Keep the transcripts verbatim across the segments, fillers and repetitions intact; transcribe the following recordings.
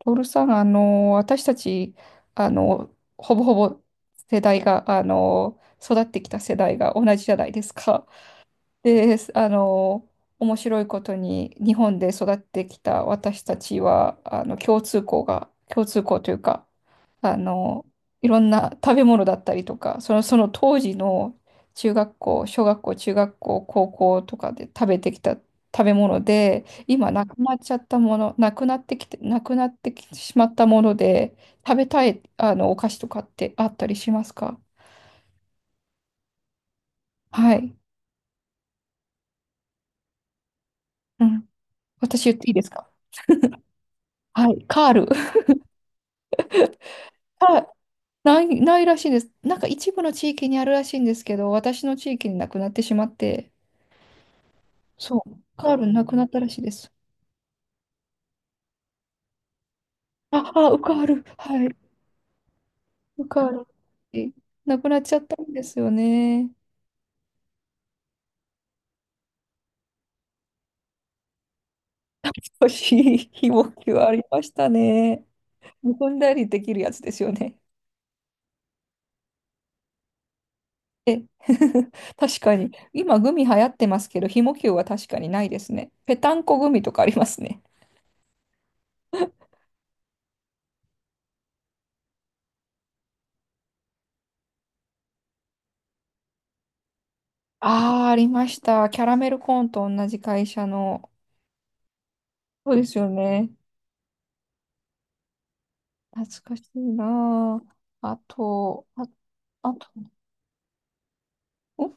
トールさん、あの、私たち、あの、ほぼほぼ世代が、あの、育ってきた世代が同じじゃないですか。で、あの、面白いことに日本で育ってきた私たちは、あの、共通項が、共通項というか、あの、いろんな食べ物だったりとか、その、その当時の中学校、小学校、中学校、高校とかで食べてきた食べ物で、今なくなっちゃったもの、なくなってきて、なくなってきてしまったもので、食べたい、あの、お菓子とかってあったりしますか？はい。うん。私言っていいですか？はい。カール。カない、ないらしいんです。なんか一部の地域にあるらしいんですけど、私の地域になくなってしまって、そう、カールなくなったらしいです。あ、あ、ウカール、はい、ウカール。えなくなっちゃったんですよね。少しひもきはありましたね。むくんだりできるやつですよね。え、確かに。今、グミ流行ってますけど、ひもきゅうは確かにないですね。ぺたんこグミとかありますね。ああ、ありました。キャラメルコーンと同じ会社の。そうですよね。懐かしいなあ。あと、あ、あと、ん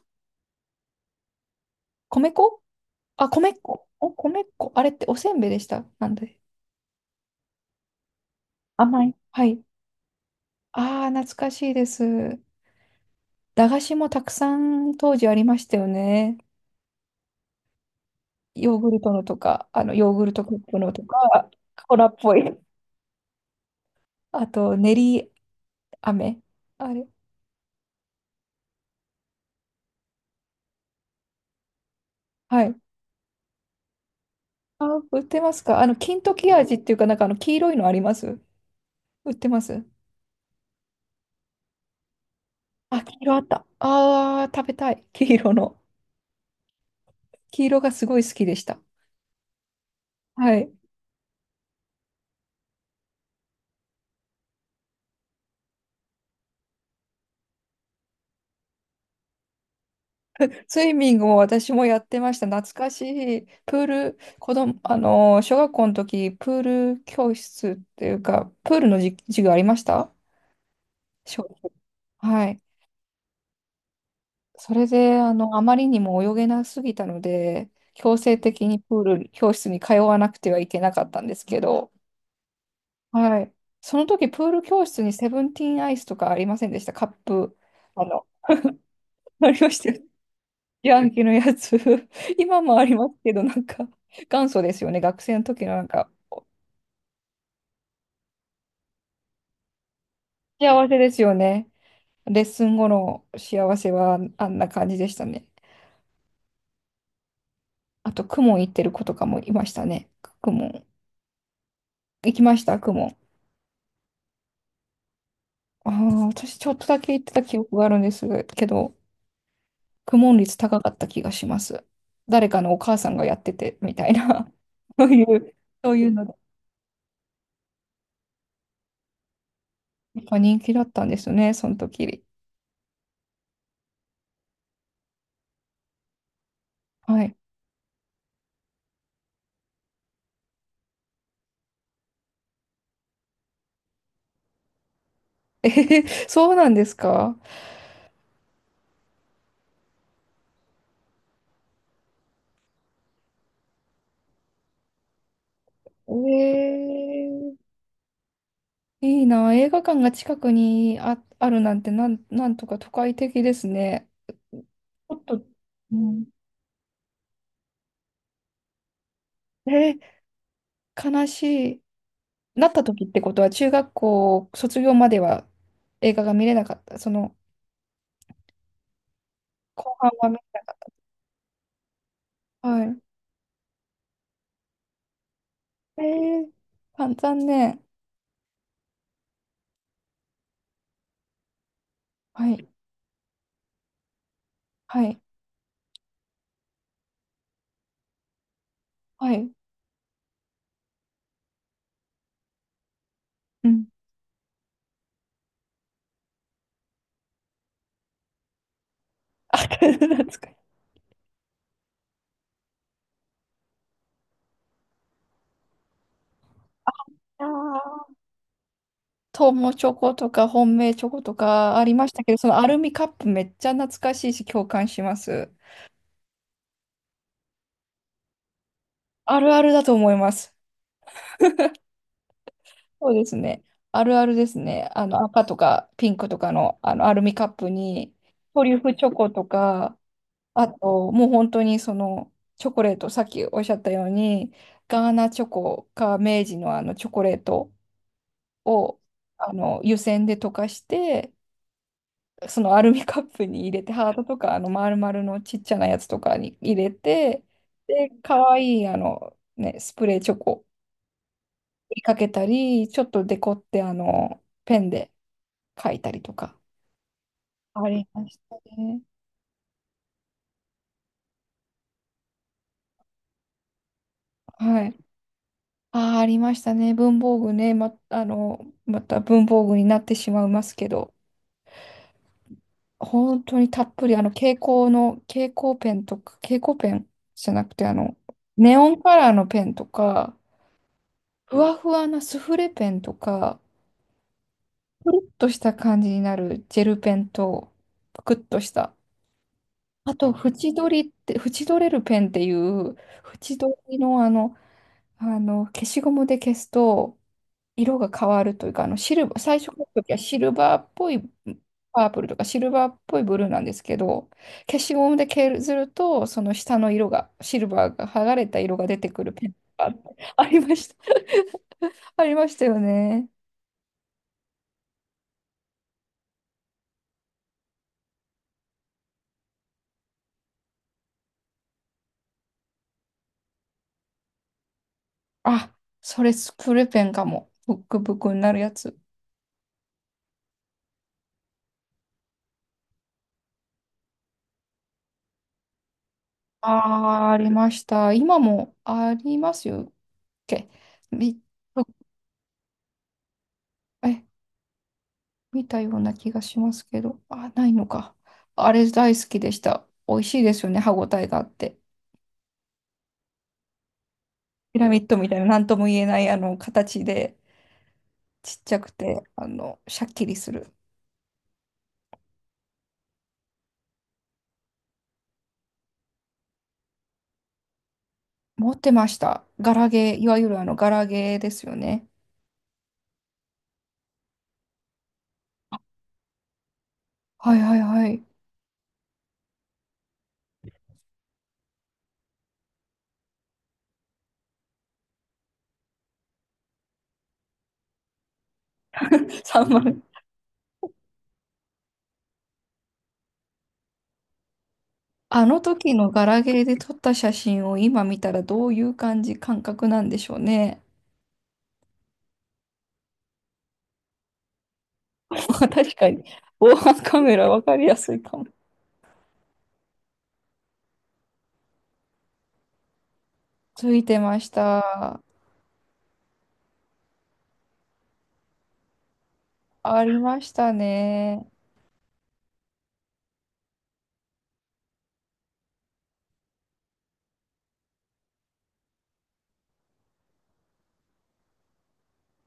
米粉あ、米粉。お、米粉。あれっておせんべいでした。なんで。甘い。はい。ああ、懐かしいです。駄菓子もたくさん当時ありましたよね。ヨーグルトのとか、あの、ヨーグルトカップのとか、コラっぽい。あと、練り飴。あれ。はい。あ、売ってますか？あの、金時味っていうか、なんかあの、黄色いのあります？売ってます？あ、黄色あった。ああ、食べたい。黄色の。黄色がすごい好きでした。はい。スイミングも私もやってました。懐かしい。プール、子供、あのー、小学校の時、プール教室っていうか、プールのじ授業ありました？小学校？はい。それで、あの、あまりにも泳げなすぎたので、強制的にプール教室に通わなくてはいけなかったんですけど、はい。その時、プール教室にセブンティーンアイスとかありませんでした？カップ、あの、ありましたよね？ヤンキーのやつ。 今もありますけど、なんか、元祖ですよね。学生の時のなんか、幸せですよね。レッスン後の幸せはあんな感じでしたね。あと、公文行ってる子とかもいましたね。公文。行きました、公文。ああ、私ちょっとだけ行ってた記憶があるんですけど、公文率高かった気がします。誰かのお母さんがやってて、みたいな。そういう、そういうので、やっぱ人気だったんですね、その時。はい。えへへ、そうなんですか？ええ、いいな。映画館が近くにあ、あるなんてなん、なんとか都会的ですね。ちょっと、うん、えー悲しい。なった時ってことは、中学校卒業までは映画が見れなかった。その、後半は見れなかった。はい。えー、あ、残念。はい、はい、はい。うん。あ、懐かしい。あートモチョコとか本命チョコとかありましたけど、そのアルミカップめっちゃ懐かしいし共感します。あるあるだと思います。そうですね。あるあるですね。あの赤とかピンクとかの、あのアルミカップにトリュフチョコとか、あともう本当にそのチョコレート、さっきおっしゃったように、ガーナチョコか明治のあのチョコレートをあの湯煎で溶かして、そのアルミカップに入れて、ハートとか、あの、丸々のちっちゃなやつとかに入れて、で、可愛い、あの、ね、スプレーチョコにかけたり、ちょっとデコって、あの、ペンで書いたりとか。ありましたね。はい。ああ、ありましたね。文房具ね。ま、あの、また文房具になってしまいますけど、本当にたっぷり、あの、蛍光の、蛍光ペンとか、蛍光ペンじゃなくて、あの、ネオンカラーのペンとか、ふわふわなスフレペンとか、ぷるっとした感じになるジェルペンと、ぷくっとした。あと、縁取りって、縁取れるペンっていう、縁取りのあの、あの、消しゴムで消すと、色が変わるというか、あの、シルバー、最初の時はシルバーっぽいパープルとか、シルバーっぽいブルーなんですけど、消しゴムで削ると、その下の色が、シルバーが剥がれた色が出てくるペンがあって、ありました。ありましたよね。あ、それスプレペンかも。ブックブクになるやつ。ああ、ありました。今もありますよっけ？み、え、見たような気がしますけど。あ、ないのか。あれ大好きでした。美味しいですよね。歯ごたえがあって。ピラミッドみたいな何とも言えないあの形で、ちっちゃくて、あの、シャッキリする。持ってました。ガラゲー、いわゆるあのガラゲーですよね。はいはいはい。さんばん。あの時のガラケーで撮った写真を今見たらどういう感じ、感覚なんでしょうね。確かに、防犯カメラわかりやすいかも。ついてました。ありましたね。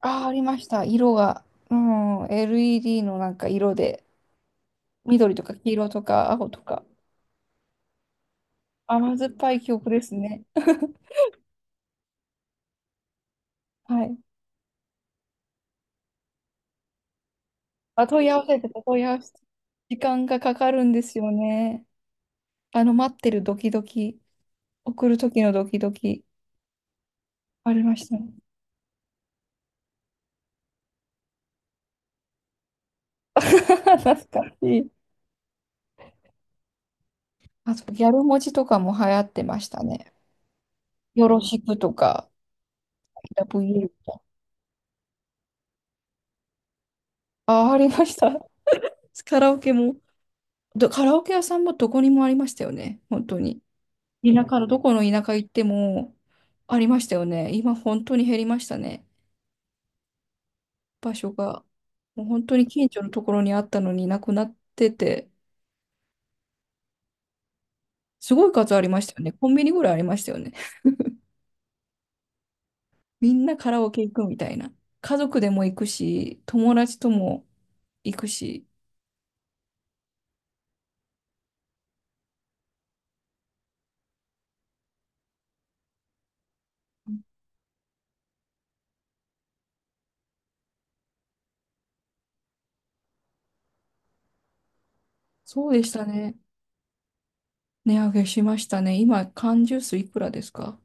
あ、ありました。色が。うん、エルイーディー のなんか色で、緑とか黄色とか青とか、甘酸っぱい記憶ですね。はい。あ、問い合わせてた、問い合わせてた。時間がかかるんですよね。あの、待ってるドキドキ、送る時のドキドキ、ありましたね。懐かしい。あと、ギャル文字とかも流行ってましたね。よろしくとか、ラブユーとか。あ、ありました。カラオケも、どカラオケ屋さんもどこにもありましたよね。本当に。田舎のどこの田舎行ってもありましたよね。今、本当に減りましたね。場所が。もう本当に近所のところにあったのになくなってて、すごい数ありましたよね。コンビニぐらいありましたよね。みんなカラオケ行くみたいな。家族でも行くし、友達とも行くし。そうでしたね。値上げしましたね。今、缶ジュースいくらですか？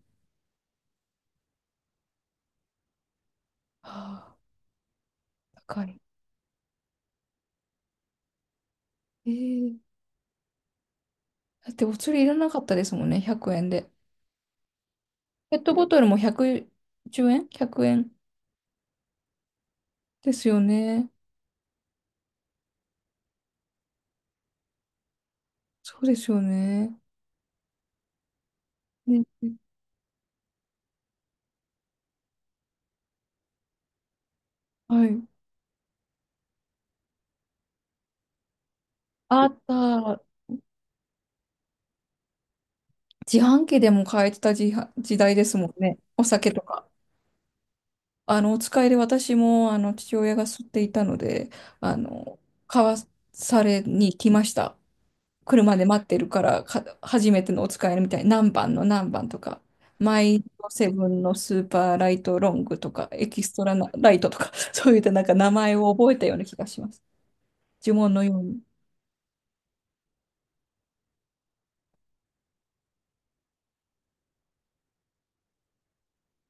はあ、高い。えーだってお釣りいらなかったですもんね、ひゃくえんで。ペットボトルもひゃくじゅうえん？ ひゃく 円ですよね。そうですよね。ね、はい。あった。自販機でも買えてた時は、時代ですもんね。お酒とあの、お使いで私も、あの、父親が吸っていたので、あの、買わされに来ました。車で待ってるから、か、初めてのお使いみたいに、何番の何番とか、マイドセブンのスーパーライトロングとか、エキストラなライトとか、そういったなんか名前を覚えたような気がします。呪文のように。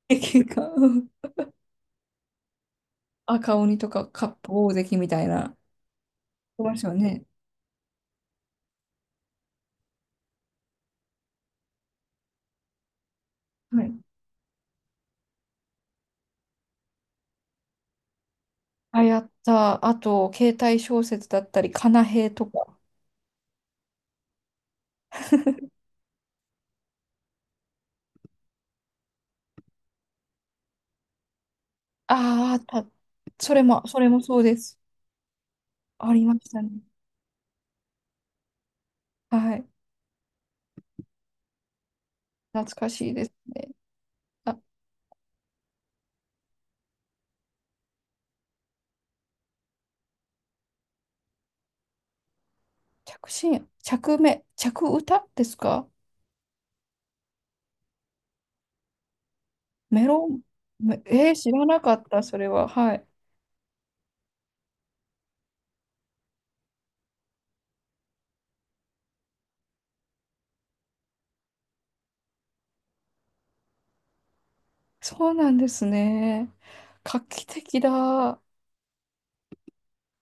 駅が、うん、赤鬼とかカップ大関みたいな。そうですよね。はい。あ、やった。あと、携帯小説だったり、かなへいとか。ああ、た、それも、それもそうです。ありましたね。はい。懐かしいですね。あ、着信、着目、着歌ですか？メロン、めえー知らなかった、それは。はい。そうなんですね。画期的だ。